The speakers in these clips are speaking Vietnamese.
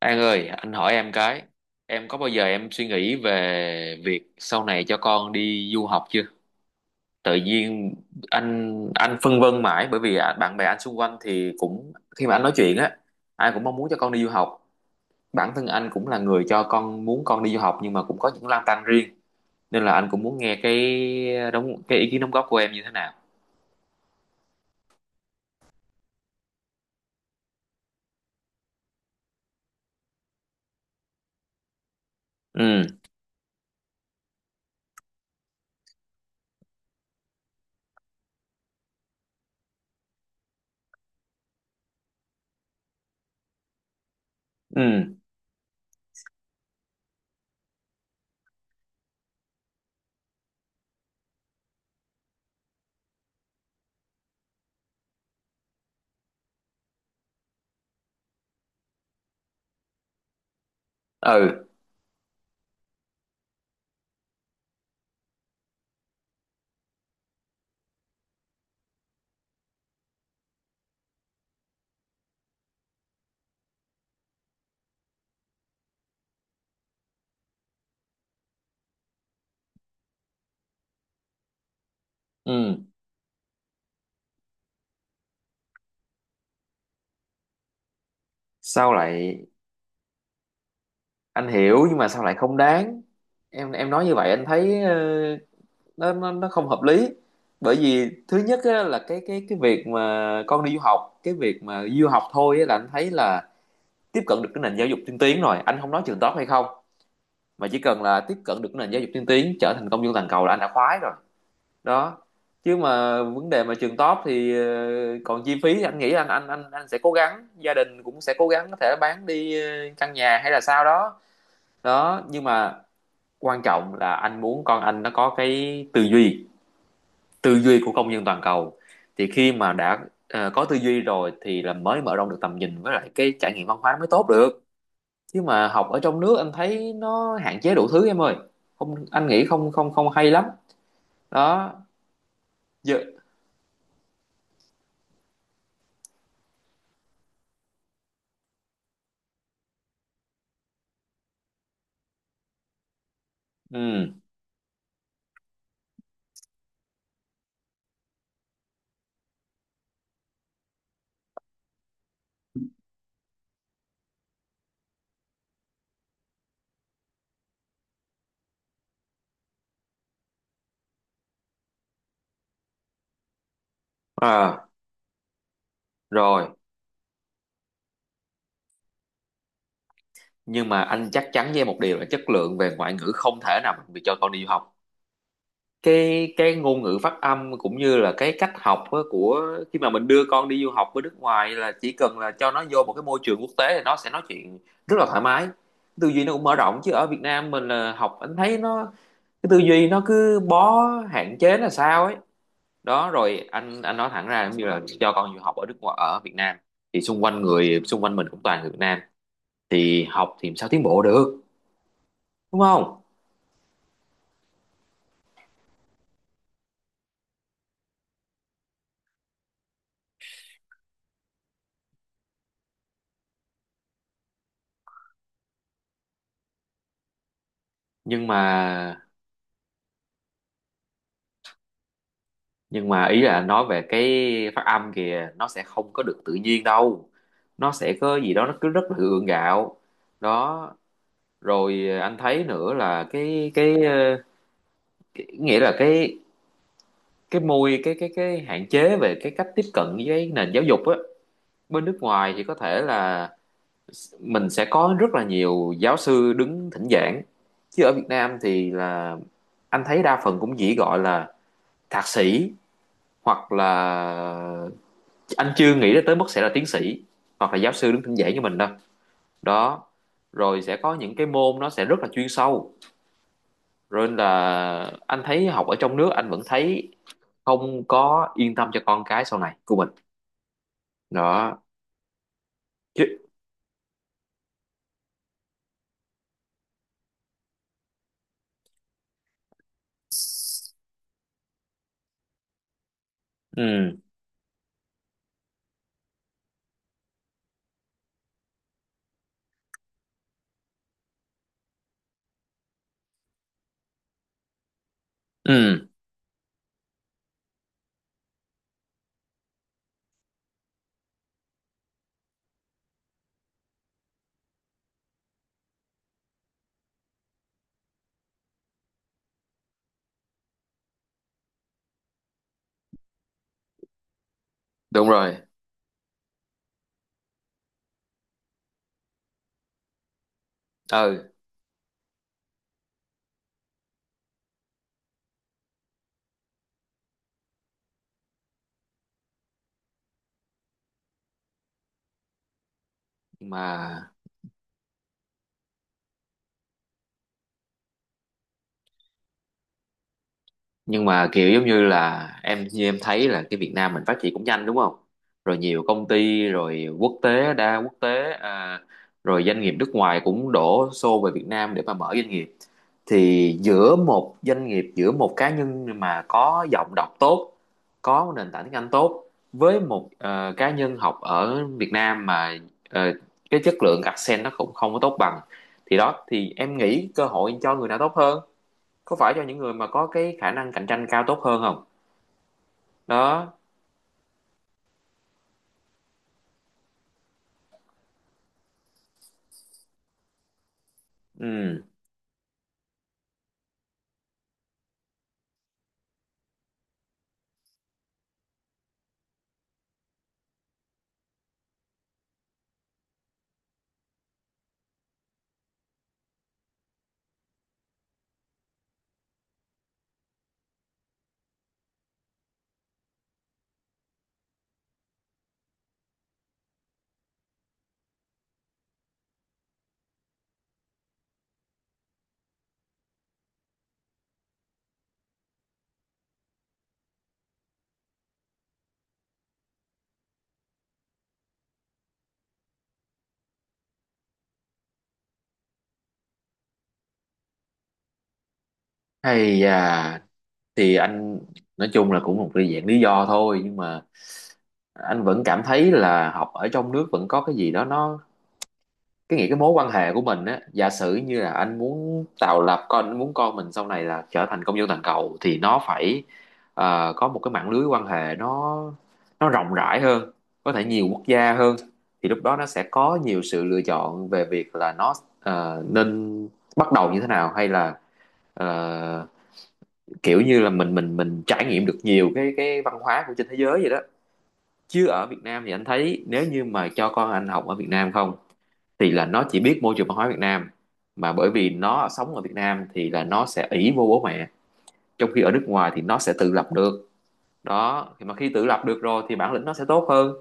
An ơi, anh hỏi em cái, em có bao giờ em suy nghĩ về việc sau này cho con đi du học chưa? Tự nhiên anh phân vân mãi bởi vì bạn bè anh xung quanh thì cũng khi mà anh nói chuyện á, ai cũng mong muốn cho con đi du học. Bản thân anh cũng là người cho con muốn con đi du học nhưng mà cũng có những lăn tăn riêng nên là anh cũng muốn nghe cái ý kiến đóng góp của em như thế nào. Ừ, ừ, ừ, ừ. Sao lại Anh hiểu nhưng mà sao lại không đáng? Em nói như vậy anh thấy nó không hợp lý, bởi vì thứ nhất á, là cái việc mà con đi du học, cái việc mà du học thôi á, là anh thấy là tiếp cận được cái nền giáo dục tiên tiến rồi, anh không nói trường top hay không, mà chỉ cần là tiếp cận được cái nền giáo dục tiên tiến, trở thành công dân toàn cầu là anh đã khoái rồi đó. Chứ mà vấn đề mà trường top thì ờ, còn chi phí anh nghĩ anh sẽ cố gắng, gia đình cũng sẽ cố gắng, có thể bán đi căn nhà hay là sao đó đó, nhưng mà quan trọng là anh muốn con anh nó có cái tư duy, tư duy của công dân toàn cầu. Thì khi mà đã có tư duy rồi thì là mới mở rộng được tầm nhìn với lại cái trải nghiệm văn hóa mới tốt được, chứ mà học ở trong nước anh thấy nó hạn chế đủ thứ em ơi. Không, anh nghĩ không không không hay lắm đó. Giờ, ừ, à, rồi, nhưng mà anh chắc chắn với em một điều là chất lượng về ngoại ngữ không thể nào bị cho con đi du học. Cái ngôn ngữ phát âm cũng như là cái cách học á, của khi mà mình đưa con đi du học ở nước ngoài, là chỉ cần là cho nó vô một cái môi trường quốc tế thì nó sẽ nói chuyện rất là thoải mái, tư duy nó cũng mở rộng. Chứ ở Việt Nam mình là học anh thấy nó, cái tư duy nó cứ bó hạn chế là sao ấy đó. Rồi anh nói thẳng ra giống như là cho con du học ở nước ngoài, ở Việt Nam thì xung quanh người xung quanh mình cũng toàn người Việt Nam thì học thì sao tiến bộ được, đúng không? Nhưng mà nhưng mà ý là nói về cái phát âm kìa, nó sẽ không có được tự nhiên đâu, nó sẽ có gì đó nó cứ rất là gượng gạo đó. Rồi anh thấy nữa là cái nghĩa là cái hạn chế về cái cách tiếp cận với nền giáo dục á, bên nước ngoài thì có thể là mình sẽ có rất là nhiều giáo sư đứng thỉnh giảng, chứ ở Việt Nam thì là anh thấy đa phần cũng chỉ gọi là thạc sĩ, hoặc là anh chưa nghĩ tới mức sẽ là tiến sĩ hoặc là giáo sư đứng thỉnh giảng như mình đâu đó. Rồi sẽ có những cái môn nó sẽ rất là chuyên sâu, rồi là anh thấy học ở trong nước anh vẫn thấy không có yên tâm cho con cái sau này của mình đó chứ. Ừ, ừ, đúng rồi, ừ. Mà nhưng mà kiểu giống như là em, như em thấy là cái Việt Nam mình phát triển cũng nhanh đúng không, rồi nhiều công ty rồi quốc tế đa quốc tế rồi doanh nghiệp nước ngoài cũng đổ xô về Việt Nam để mà mở doanh nghiệp, thì giữa một doanh nghiệp, giữa một cá nhân mà có giọng đọc tốt, có nền tảng tiếng Anh tốt, với một cá nhân học ở Việt Nam mà ờ, cái chất lượng accent nó cũng không có tốt bằng, thì đó, thì em nghĩ cơ hội cho người nào tốt hơn, có phải cho những người mà có cái khả năng cạnh tranh cao tốt hơn không? Đó. Ừ. Hay à, thì anh nói chung là cũng một cái dạng lý do thôi, nhưng mà anh vẫn cảm thấy là học ở trong nước vẫn có cái gì đó nó, cái nghĩ cái mối quan hệ của mình á, giả sử như là anh muốn tạo lập, con anh muốn con mình sau này là trở thành công dân toàn cầu thì nó phải có một cái mạng lưới quan hệ nó rộng rãi hơn, có thể nhiều quốc gia hơn, thì lúc đó nó sẽ có nhiều sự lựa chọn về việc là nó nên bắt đầu như thế nào, hay là ờ, kiểu như là mình trải nghiệm được nhiều cái văn hóa của trên thế giới vậy đó. Chứ ở Việt Nam thì anh thấy nếu như mà cho con anh học ở Việt Nam không thì là nó chỉ biết môi trường văn hóa Việt Nam, mà bởi vì nó sống ở Việt Nam thì là nó sẽ ỷ vô bố mẹ, trong khi ở nước ngoài thì nó sẽ tự lập được đó. Thì mà khi tự lập được rồi thì bản lĩnh nó sẽ tốt hơn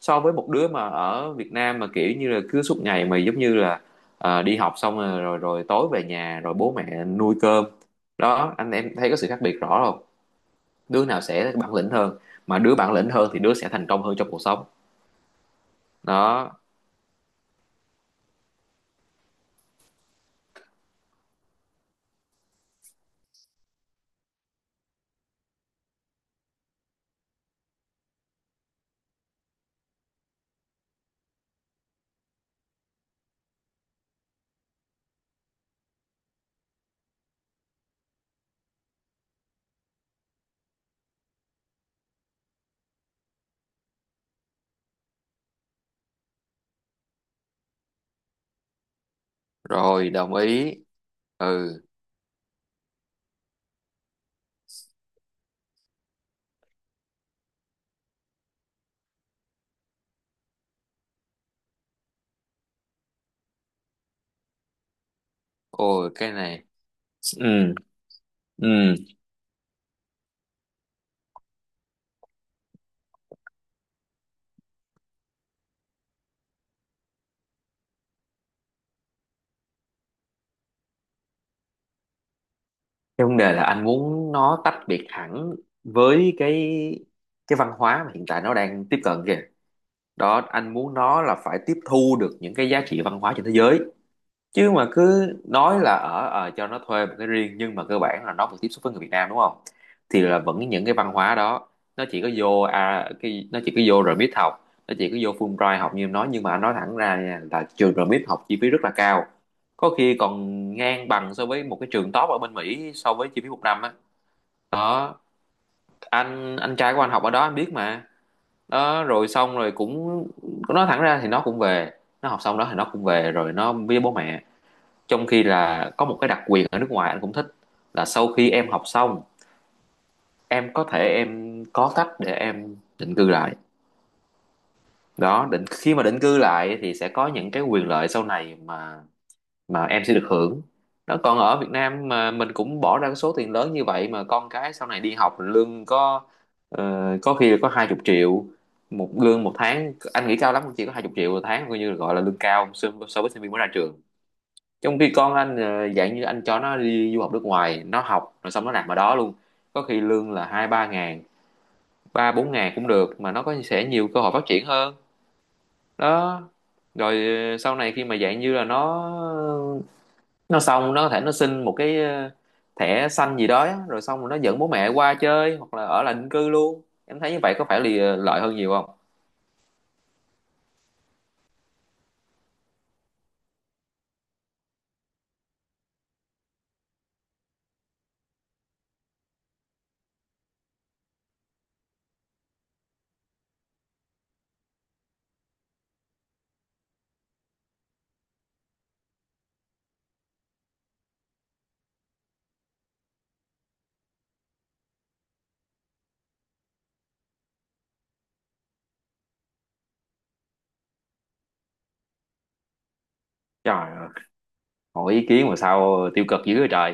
so với một đứa mà ở Việt Nam mà kiểu như là cứ suốt ngày mà giống như là đi học xong rồi, rồi tối về nhà rồi bố mẹ nuôi cơm đó. Anh em thấy có sự khác biệt rõ không, đứa nào sẽ bản lĩnh hơn, mà đứa bản lĩnh hơn thì đứa sẽ thành công hơn trong cuộc sống đó. Rồi, đồng ý. Ừ, ôi cái này, ừ. Ừ, cái vấn đề là anh muốn nó tách biệt hẳn với cái văn hóa mà hiện tại nó đang tiếp cận kìa. Đó, anh muốn nó là phải tiếp thu được những cái giá trị văn hóa trên thế giới, chứ mà cứ nói là ở cho nó thuê một cái riêng nhưng mà cơ bản là nó vẫn tiếp xúc với người Việt Nam đúng không, thì là vẫn những cái văn hóa đó. Nó chỉ có vô cái, nó chỉ có vô rồi biết học, nó chỉ có vô Fulbright học như em nói, nhưng mà anh nói thẳng ra nha, là trường rồi biết học chi phí rất là cao, có khi còn ngang bằng so với một cái trường top ở bên Mỹ so với chi phí một năm á đó. Anh trai của anh học ở đó anh biết mà đó. Rồi xong rồi cũng nói thẳng ra thì nó cũng về, nó học xong đó thì nó cũng về rồi nó với bố mẹ, trong khi là có một cái đặc quyền ở nước ngoài anh cũng thích là sau khi em học xong em có thể, em có cách để em định cư lại đó. Định khi mà định cư lại thì sẽ có những cái quyền lợi sau này mà em sẽ được hưởng đó. Còn ở Việt Nam mà mình cũng bỏ ra cái số tiền lớn như vậy mà con cái sau này đi học lương có ờ, có khi là có 20 triệu một lương một tháng, anh nghĩ cao lắm cũng chỉ có 20 triệu một tháng, coi như là gọi là lương cao so so với sinh viên mới ra trường, trong khi con anh dạng như anh cho nó đi du học nước ngoài, nó học rồi xong nó nạp vào đó luôn, có khi lương là hai ba ngàn, ba bốn ngàn cũng được mà, nó có sẽ nhiều cơ hội phát triển hơn đó. Rồi sau này khi mà dạng như là nó xong nó có thể nó xin một cái thẻ xanh gì đó á, rồi xong rồi nó dẫn bố mẹ qua chơi hoặc là ở lại định cư luôn, em thấy như vậy có phải là lợi hơn nhiều không? Trời ơi, hỏi ý kiến mà sao tiêu cực dữ vậy trời.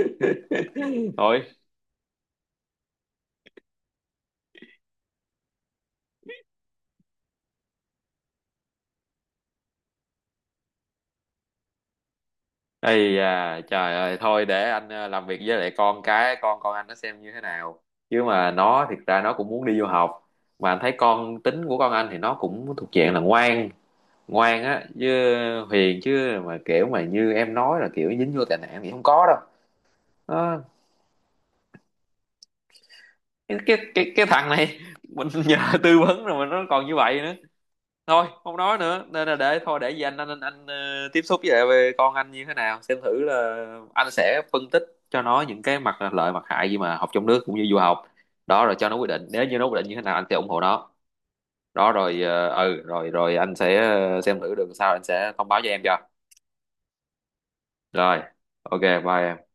Thôi. Ây à, trời ơi, thôi để anh làm việc với lại con cái, con anh nó xem như thế nào. Chứ mà nó thiệt ra nó cũng muốn đi du học. Mà anh thấy con tính của con anh thì nó cũng thuộc dạng là ngoan, ngoan á, chứ hiền, chứ mà kiểu mà như em nói là kiểu dính vô tệ nạn thì không có đâu. Nó, cái thằng này mình nhờ tư vấn rồi mà nó còn như vậy nữa. Thôi không nói nữa, nên là để thôi để gì anh, anh tiếp xúc với lại về con anh như thế nào xem thử là anh sẽ phân tích cho nó những cái mặt lợi mặt hại gì mà học trong nước cũng như du học đó. Rồi cho nó quyết định, nếu như nó quyết định như thế nào anh sẽ ủng hộ nó đó. Rồi ừ, rồi rồi anh sẽ xem thử được sao anh sẽ thông báo cho em cho. Rồi, ok, bye em.